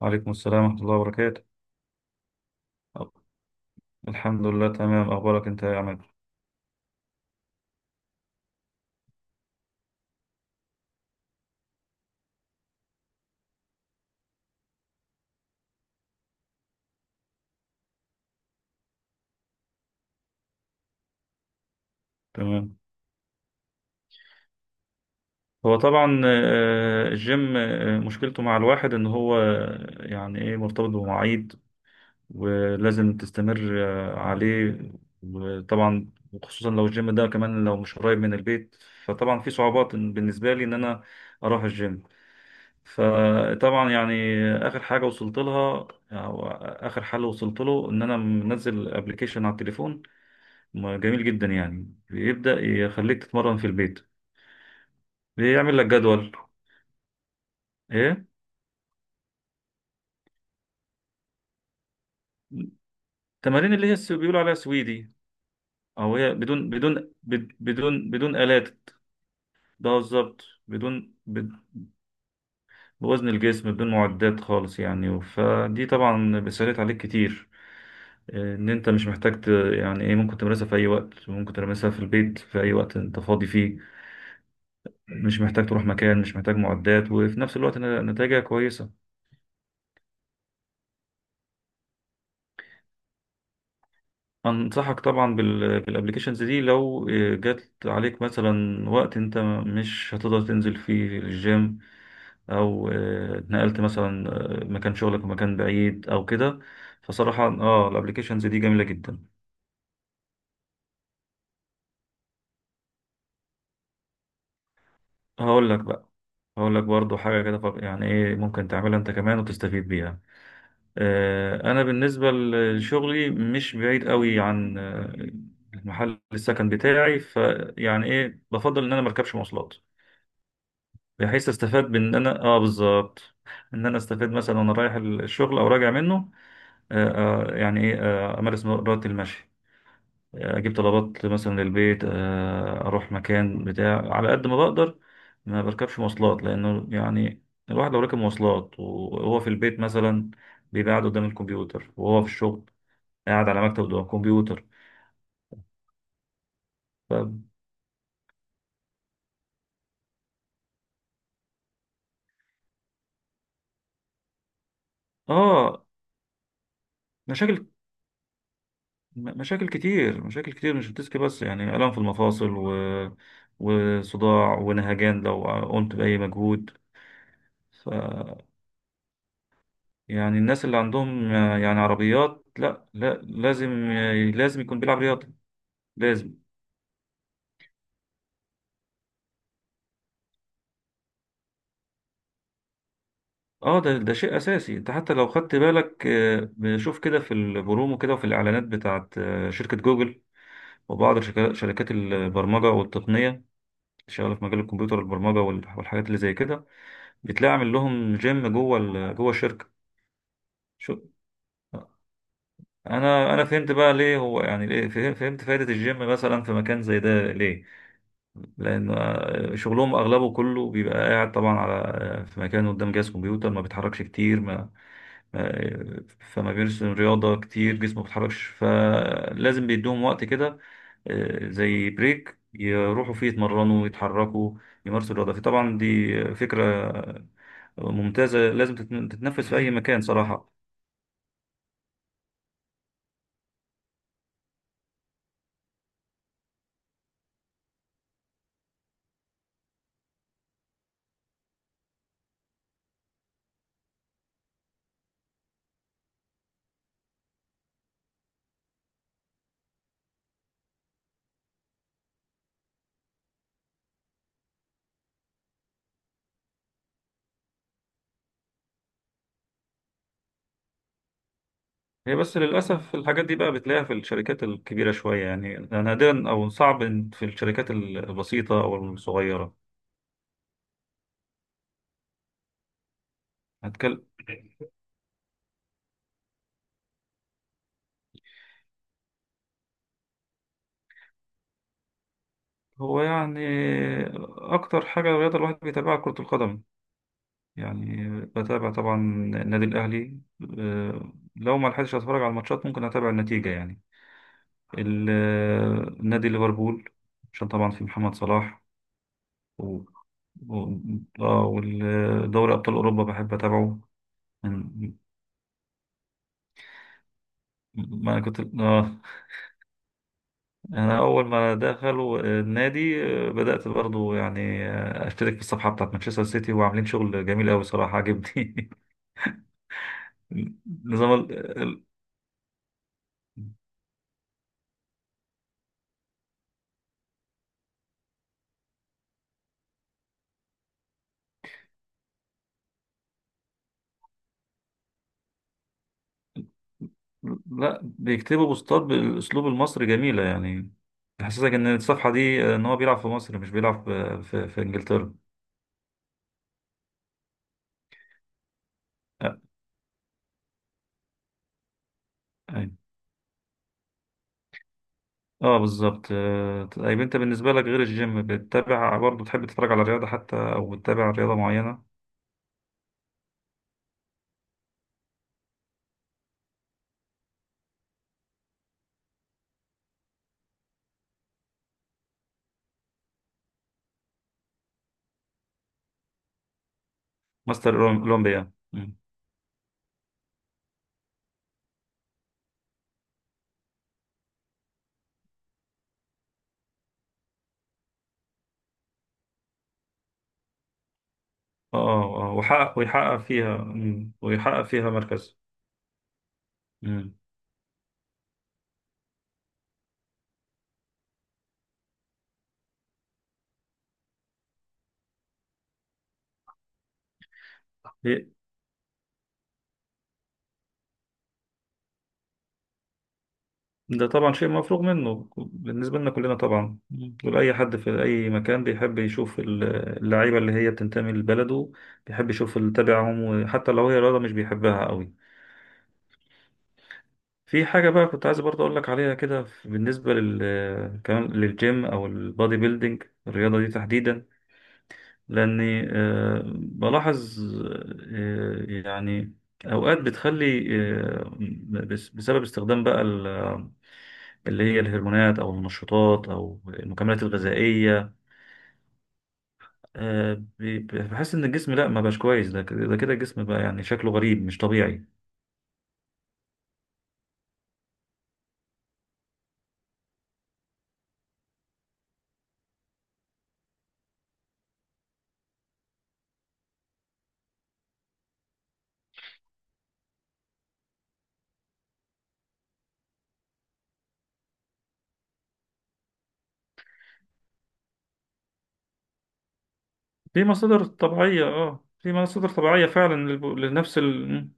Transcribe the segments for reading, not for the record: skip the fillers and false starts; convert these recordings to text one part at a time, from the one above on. وعليكم السلام ورحمة الله وبركاته. الحمد لله، تمام. أخبارك أنت يا عماد؟ تمام. هو طبعا الجيم، مشكلته مع الواحد إن هو يعني إيه، مرتبط بمواعيد ولازم تستمر عليه. وطبعا، وخصوصا لو الجيم ده كمان لو مش قريب من البيت، فطبعا في صعوبات، بالنسبة لي إن أنا أروح الجيم. فطبعا يعني آخر حاجة وصلت لها، أو آخر حل وصلت له، إن أنا منزل أبلكيشن على التليفون ما جميل جدا. يعني بيبدأ يخليك تتمرن في البيت، بيعمل لك جدول. ايه. التمارين اللي هي بيقولوا عليها سويدي، او هي بدون آلات. ده بالظبط بدون بوزن الجسم، بدون معدات خالص يعني، فدي طبعا بتسهلت عليك كتير. ان انت مش محتاج يعني ايه، ممكن تمارسها في اي وقت، ممكن تمارسها في البيت في اي وقت انت فاضي فيه. مش محتاج تروح مكان، مش محتاج معدات، وفي نفس الوقت نتائجها كويسة. أنصحك طبعا بالابليكيشنز دي، لو جات عليك مثلا وقت أنت مش هتقدر تنزل فيه الجيم، أو اتنقلت مثلا مكان شغلك، ومكان بعيد أو كده. فصراحة الابليكيشنز دي جميلة جدا. هقول لك بقى، هقول لك برضو حاجة كده. طب يعني ايه، ممكن تعملها أنت كمان وتستفيد بيها. أنا بالنسبة لشغلي مش بعيد قوي عن محل السكن بتاعي، فيعني ايه، بفضل إن أنا مركبش مواصلات، بحيث استفاد بان انا بالظبط، ان انا استفاد مثلا وانا رايح الشغل او راجع منه. آه يعني ايه، امارس رياضه المشي، اجيب طلبات مثلا للبيت، اروح مكان بتاع على قد ما بقدر ما بركبش مواصلات. لانه يعني الواحد لو ركب مواصلات وهو في البيت مثلا بيبقى قاعد قدام الكمبيوتر، وهو في الشغل قاعد على مكتب قدام الكمبيوتر. ف... اه، مشاكل. مشاكل كتير، مشاكل كتير، مش الديسك بس، يعني آلام في المفاصل وصداع ونهجان لو قمت بأي مجهود. ف يعني الناس اللي عندهم يعني عربيات، لا لا، لازم لازم يكون بيلعب رياضة، لازم. اه ده شيء اساسي. انت حتى لو خدت بالك، بنشوف كده في البرومو كده، وفي الاعلانات بتاعت شركة جوجل، وبعض شركات البرمجة والتقنية اللي شغالة في مجال الكمبيوتر والبرمجة والحاجات اللي زي كده، بتلاقي عامل لهم جيم جوه جوه الشركة. شو انا فهمت بقى ليه هو، يعني ليه فهمت فايدة الجيم مثلا في مكان زي ده، ليه؟ لان شغلهم اغلبه كله بيبقى قاعد طبعا على في مكان قدام جهاز كمبيوتر، ما بيتحركش كتير، ما- فما بيرسم رياضة كتير، جسمه ما بيتحركش، فلازم بيدوهم وقت كده، زي بريك يروحوا فيه يتمرنوا، يتحركوا، يمارسوا الرياضة. فطبعا دي فكرة ممتازة، لازم تتنفذ في اي مكان صراحة. هي بس للأسف الحاجات دي بقى بتلاقيها في الشركات الكبيرة شوية، يعني نادرا، أو صعب إن في الشركات البسيطة أو الصغيرة. هتكلم هو يعني أكتر حاجة الرياضة الواحد بيتابعها كرة القدم، يعني بتابع طبعا النادي الأهلي. لو ما لحقتش أتفرج على الماتشات ممكن أتابع النتيجة. يعني نادي ليفربول، عشان طبعا في محمد صلاح، و... و... والدوري أبطال أوروبا بحب أتابعه. من- ما كنت انا اول ما دخلوا النادي بدات برضو يعني اشترك في الصفحه بتاعت مانشستر سيتي، وعاملين شغل جميل قوي، صراحه عجبني. نظام ال... ال- لا، بيكتبوا بوستات بالاسلوب المصري جميله يعني، تحسسك ان الصفحه دي ان هو بيلعب في مصر مش بيلعب في انجلترا. اه، أيوة. بالظبط. طيب انت بالنسبه لك، غير الجيم، بتتابع برضو، تحب تتفرج على رياضه حتى، او بتتابع رياضه معينه؟ ماستر اولمبيا. اه، اه، ويحقق فيها ويحقق فيها مركز. مم. ده طبعا شيء مفروغ منه بالنسبة لنا كلنا طبعا. مم. دول أي حد في أي مكان بيحب يشوف اللعيبة اللي هي بتنتمي لبلده، بيحب يشوف اللي تبعهم، وحتى لو هي رياضة مش بيحبها قوي. في حاجة بقى كنت عايز برضه أقول لك عليها كده، بالنسبة لل كمان للجيم أو البادي بيلدينج، الرياضة دي تحديدا. لأني بلاحظ، يعني أوقات بتخلي آه، بسبب استخدام بقى اللي هي الهرمونات، أو المنشطات، أو المكملات الغذائية، آه، بحس إن الجسم لأ، ما بقاش كويس. ده كده، ده كده، الجسم بقى يعني شكله غريب، مش طبيعي. في مصادر طبيعية، في مصادر طبيعية فعلا لنفس ال...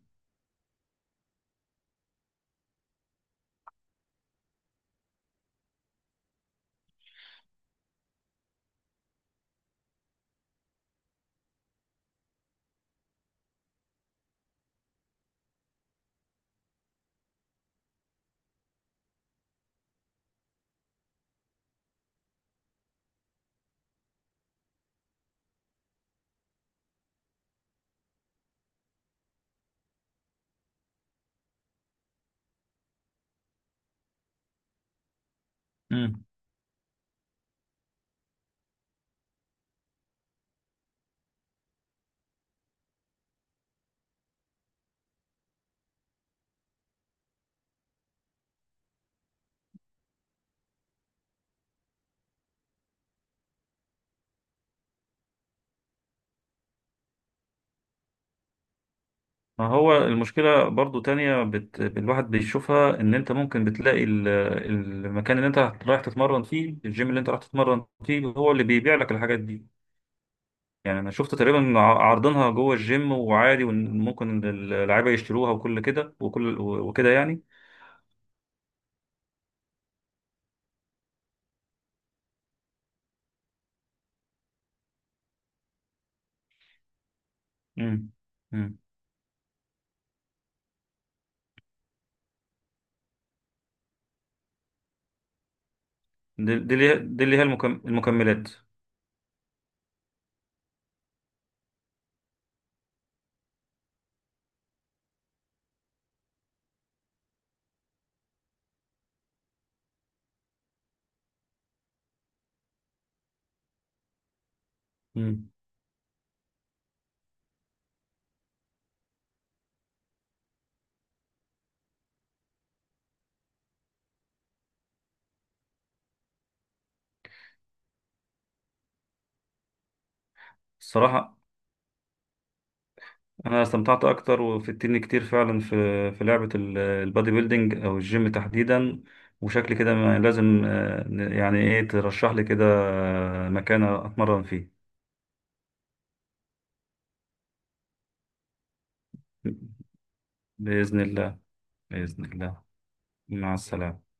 مم. ما هو المشكلة برضو تانية الواحد بيشوفها إن أنت ممكن بتلاقي المكان اللي أنت رايح تتمرن فيه، الجيم اللي أنت رايح تتمرن فيه، هو اللي بيبيع لك الحاجات دي. يعني أنا شفت تقريبا عارضينها جوه الجيم وعادي، وممكن اللعيبة يشتروها وكل كده، وكل وكده يعني. امم. امم. دي اللي هي المكملات. امم. الصراحة، انا استمتعت اكتر وفدتني كتير فعلا في لعبه البادي بيلدينج او الجيم تحديدا. وشكل كده لازم يعني ايه، ترشح لي كده مكان اتمرن فيه. باذن الله. باذن الله. مع السلامه.